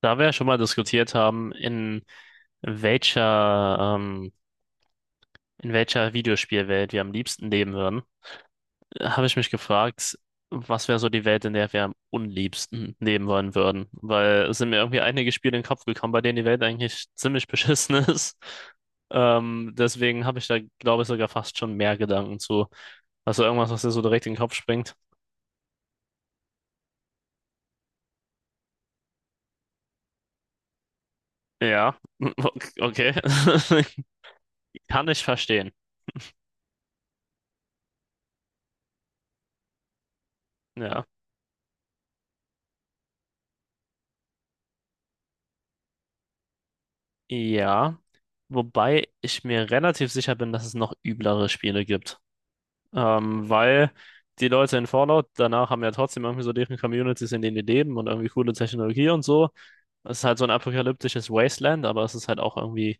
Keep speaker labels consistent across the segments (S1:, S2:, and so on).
S1: Da wir ja schon mal diskutiert haben, welcher, ähm, in welcher Videospielwelt wir am liebsten leben würden, habe ich mich gefragt, was wäre so die Welt, in der wir am unliebsten leben wollen würden? Weil es sind mir irgendwie einige Spiele in den Kopf gekommen, bei denen die Welt eigentlich ziemlich beschissen ist. Deswegen habe ich da, glaube ich, sogar fast schon mehr Gedanken zu. Also irgendwas, was dir so direkt in den Kopf springt. Ja, okay. Kann ich verstehen. Ja. Ja. Wobei ich mir relativ sicher bin, dass es noch üblere Spiele gibt. Weil die Leute in Fallout danach haben ja trotzdem irgendwie so deren Communities, in denen die leben und irgendwie coole Technologie und so. Es ist halt so ein apokalyptisches Wasteland, aber es ist halt auch irgendwie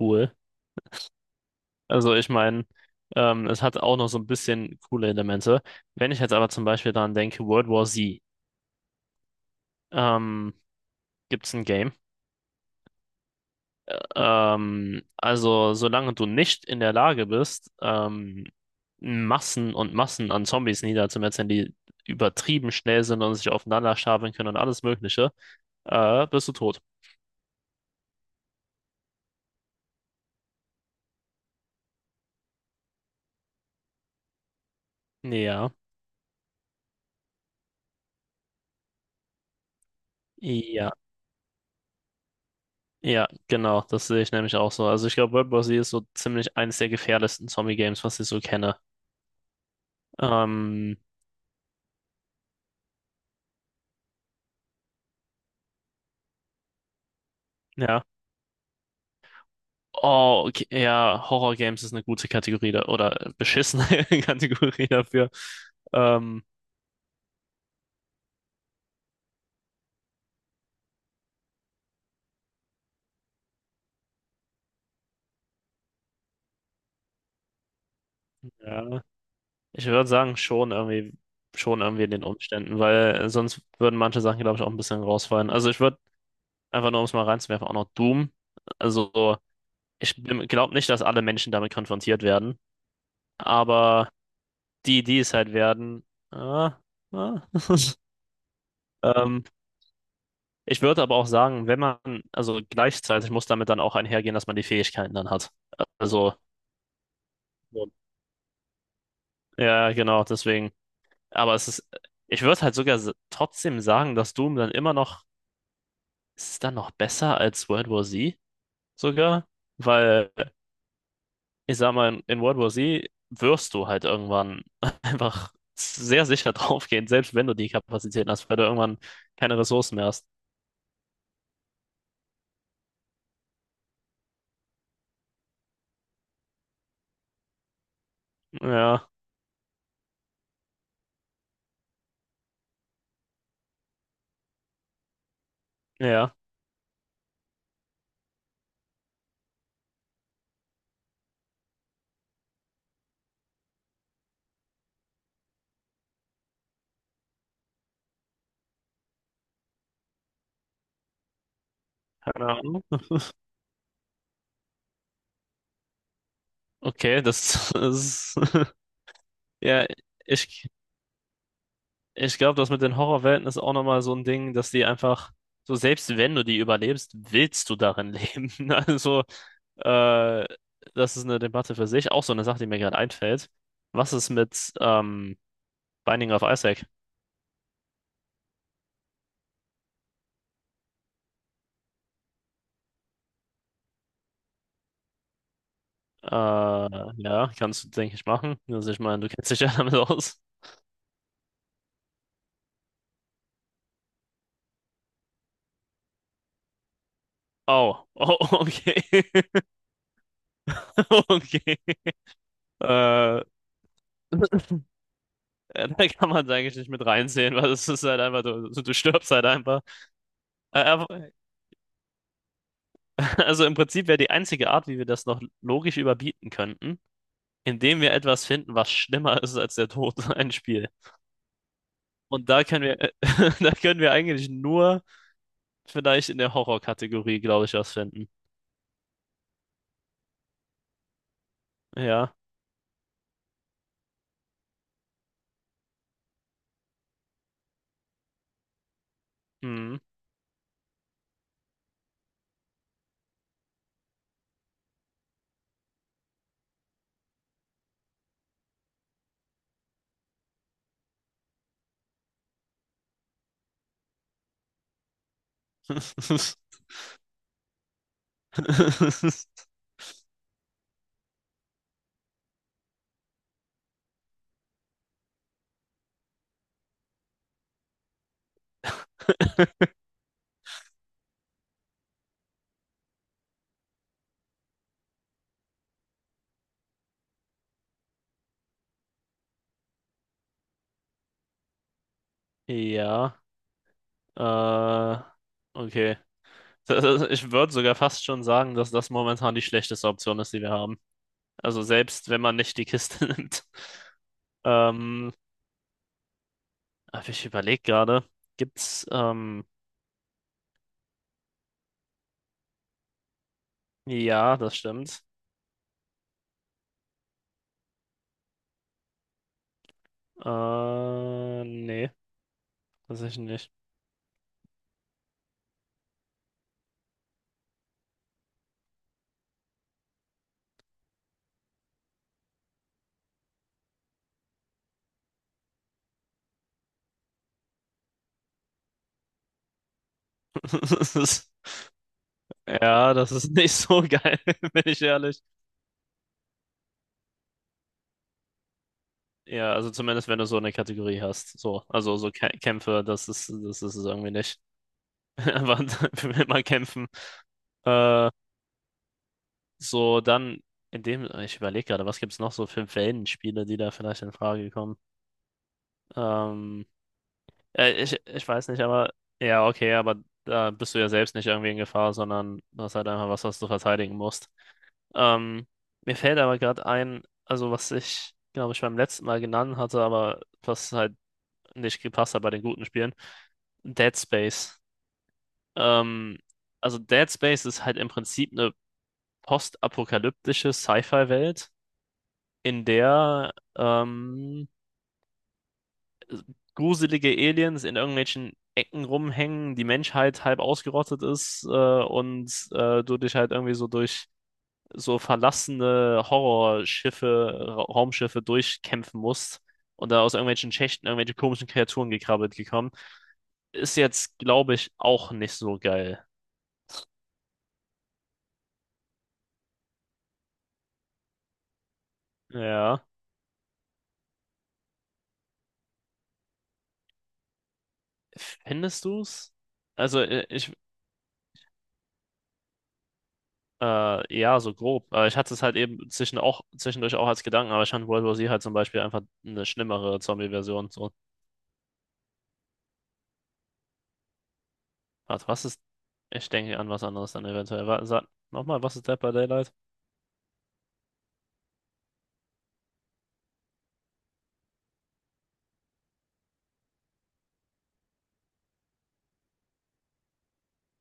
S1: cool. Also ich meine, es hat auch noch so ein bisschen coole Elemente. Wenn ich jetzt aber zum Beispiel daran denke, World War Z, ähm, gibt es ein Game. Also, solange du nicht in der Lage bist, Massen und Massen an Zombies niederzumetzeln, die übertrieben schnell sind und sich aufeinander stapeln können und alles Mögliche, bist du tot. Ja, ja, ja, genau, das sehe ich nämlich auch so. Also, ich glaube, World War Z ist so ziemlich eines der gefährlichsten Zombie-Games, was ich so kenne. Ähm, ja. Oh, okay, ja, Horror-Games ist eine gute Kategorie da, oder beschissene Kategorie dafür. Ähm, ja. Ich würde sagen, schon irgendwie in den Umständen, weil sonst würden manche Sachen, glaube ich, auch ein bisschen rausfallen. Also ich würde einfach nur, um es mal reinzuwerfen, auch noch Doom. Also so, ich glaube nicht, dass alle Menschen damit konfrontiert werden, aber die, die es halt werden, ah, ah. Ähm, Ich würde aber auch sagen, wenn man, also gleichzeitig muss damit dann auch einhergehen, dass man die Fähigkeiten dann hat. Also, ja, genau, deswegen. Aber es ist, ich würde halt sogar trotzdem sagen, dass Doom dann immer noch ist es dann noch besser als World War Z sogar? Weil, ich sag mal, in World War Z wirst du halt irgendwann einfach sehr sicher draufgehen, selbst wenn du die Kapazitäten hast, weil du irgendwann keine Ressourcen mehr hast. Ja, ja, keine Ahnung. Okay, das ist, ja, ich, ich glaube, das mit den Horrorwelten ist auch nochmal so ein Ding, dass die einfach, so selbst wenn du die überlebst, willst du darin leben. Also, Äh, das ist eine Debatte für sich. Auch so eine Sache, die mir gerade einfällt. Was ist mit Binding of Isaac? Ja, kannst du, denke ich, machen. Also ich meine, du kennst dich ja damit aus. Oh, oh, okay. Okay. Da kann man es eigentlich nicht mit reinzählen, weil es ist halt einfach, du stirbst halt einfach. Aber- also im Prinzip wäre die einzige Art, wie wir das noch logisch überbieten könnten, indem wir etwas finden, was schlimmer ist als der Tod, ein Spiel. Und da können wir eigentlich nur vielleicht in der Horror-Kategorie glaube ich, was finden. Ja. Hm. Ja. Äh, okay. Ich würde sogar fast schon sagen, dass das momentan die schlechteste Option ist, die wir haben. Also selbst wenn man nicht die Kiste nimmt. Ähm, aber ich überlege gerade, gibt's, ähm, ja, das stimmt. Nee, tatsächlich nicht. Ja, das ist nicht so geil, bin ich ehrlich. Ja, also zumindest wenn du so eine Kategorie hast. So, also so Kä Kämpfe, das ist es irgendwie nicht. Aber will man kämpfen. Äh, so, dann in dem, ich überlege gerade, was gibt's noch so für Wellenspiele, die da vielleicht in Frage kommen? Ähm, ich weiß nicht, aber ja, okay, aber da bist du ja selbst nicht irgendwie in Gefahr, sondern du hast halt einfach was, was du verteidigen musst. Ähm, Mir fällt aber gerade ein, also was ich, glaube ich, beim letzten Mal genannt hatte, aber was halt nicht gepasst hat bei den guten Spielen, Dead Space. Ähm, also Dead Space ist halt im Prinzip eine postapokalyptische Sci-Fi-Welt, in der gruselige Aliens in irgendwelchen Ecken rumhängen, die Menschheit halb ausgerottet ist und du dich halt irgendwie so durch so verlassene Horrorschiffe, Ra Raumschiffe durchkämpfen musst und da aus irgendwelchen Schächten irgendwelche komischen Kreaturen gekrabbelt gekommen, ist jetzt, glaube ich, auch nicht so geil. Ja. Findest du's? Also, ja, so grob. Aber ich hatte es halt zwischendurch auch als Gedanken, aber ich fand World War Z halt zum Beispiel einfach eine schlimmere Zombie-Version. So, warte, was ist. Ich denke an was anderes dann eventuell. Wa- Sag nochmal, was ist Dead by Daylight?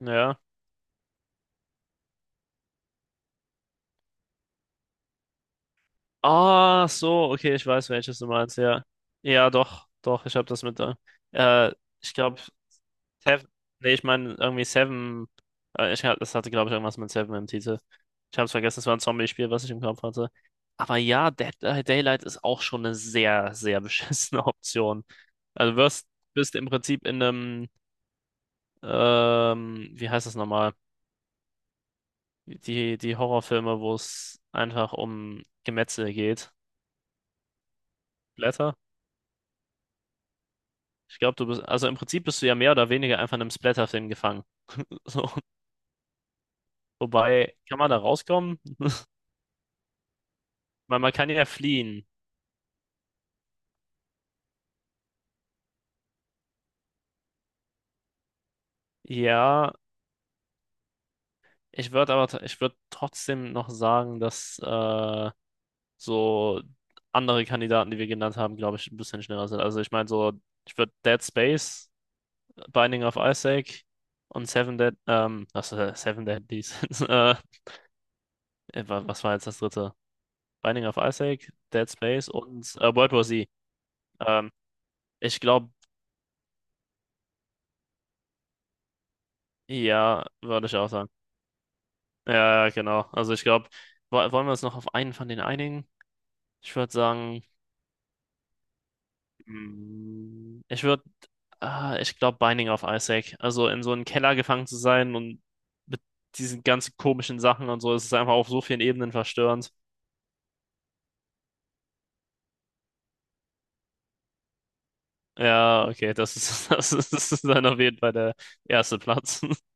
S1: Ja. Ah, so, okay, ich weiß, welches du meinst, ja. Ja, doch, doch, ich habe das mit da. Äh, ich glaube, Seven, nee, ich meine irgendwie Seven, hab- das hatte, glaube ich, irgendwas mit Seven im Titel. Ich habe es vergessen, es war ein Zombie-Spiel, was ich im Kopf hatte. Aber ja, Dead by Daylight ist auch schon eine sehr, sehr beschissene Option. Also du wirst, bist im Prinzip in einem, wie heißt das nochmal? Die, die Horrorfilme, wo es einfach um Gemetzel geht. Ich glaube, also im Prinzip bist du ja mehr oder weniger einfach in einem Splatterfilm gefangen. So, wobei, kann man da rauskommen? Weil man kann ja fliehen. Ja, ich würde aber, ich würde trotzdem noch sagen, dass so andere Kandidaten, die wir genannt haben, glaube ich, ein bisschen schneller sind. Also ich meine so, ich würde Dead Space, Binding of Isaac und Seven Deadly äh, wa- was war jetzt das dritte? Binding of Isaac, Dead Space und World War Z. Ähm, ich glaube, Ja, würde ich auch sagen. Ja, ja, genau. Also ich glaube, wollen wir uns noch auf einen von den einigen? Ich würde sagen, mm, ah, ich glaube, Binding of Isaac. Also in so einen Keller gefangen zu sein und mit diesen ganzen komischen Sachen und so, es ist einfach auf so vielen Ebenen verstörend. Ja, okay, das ist dann auf jeden Fall der erste Platz.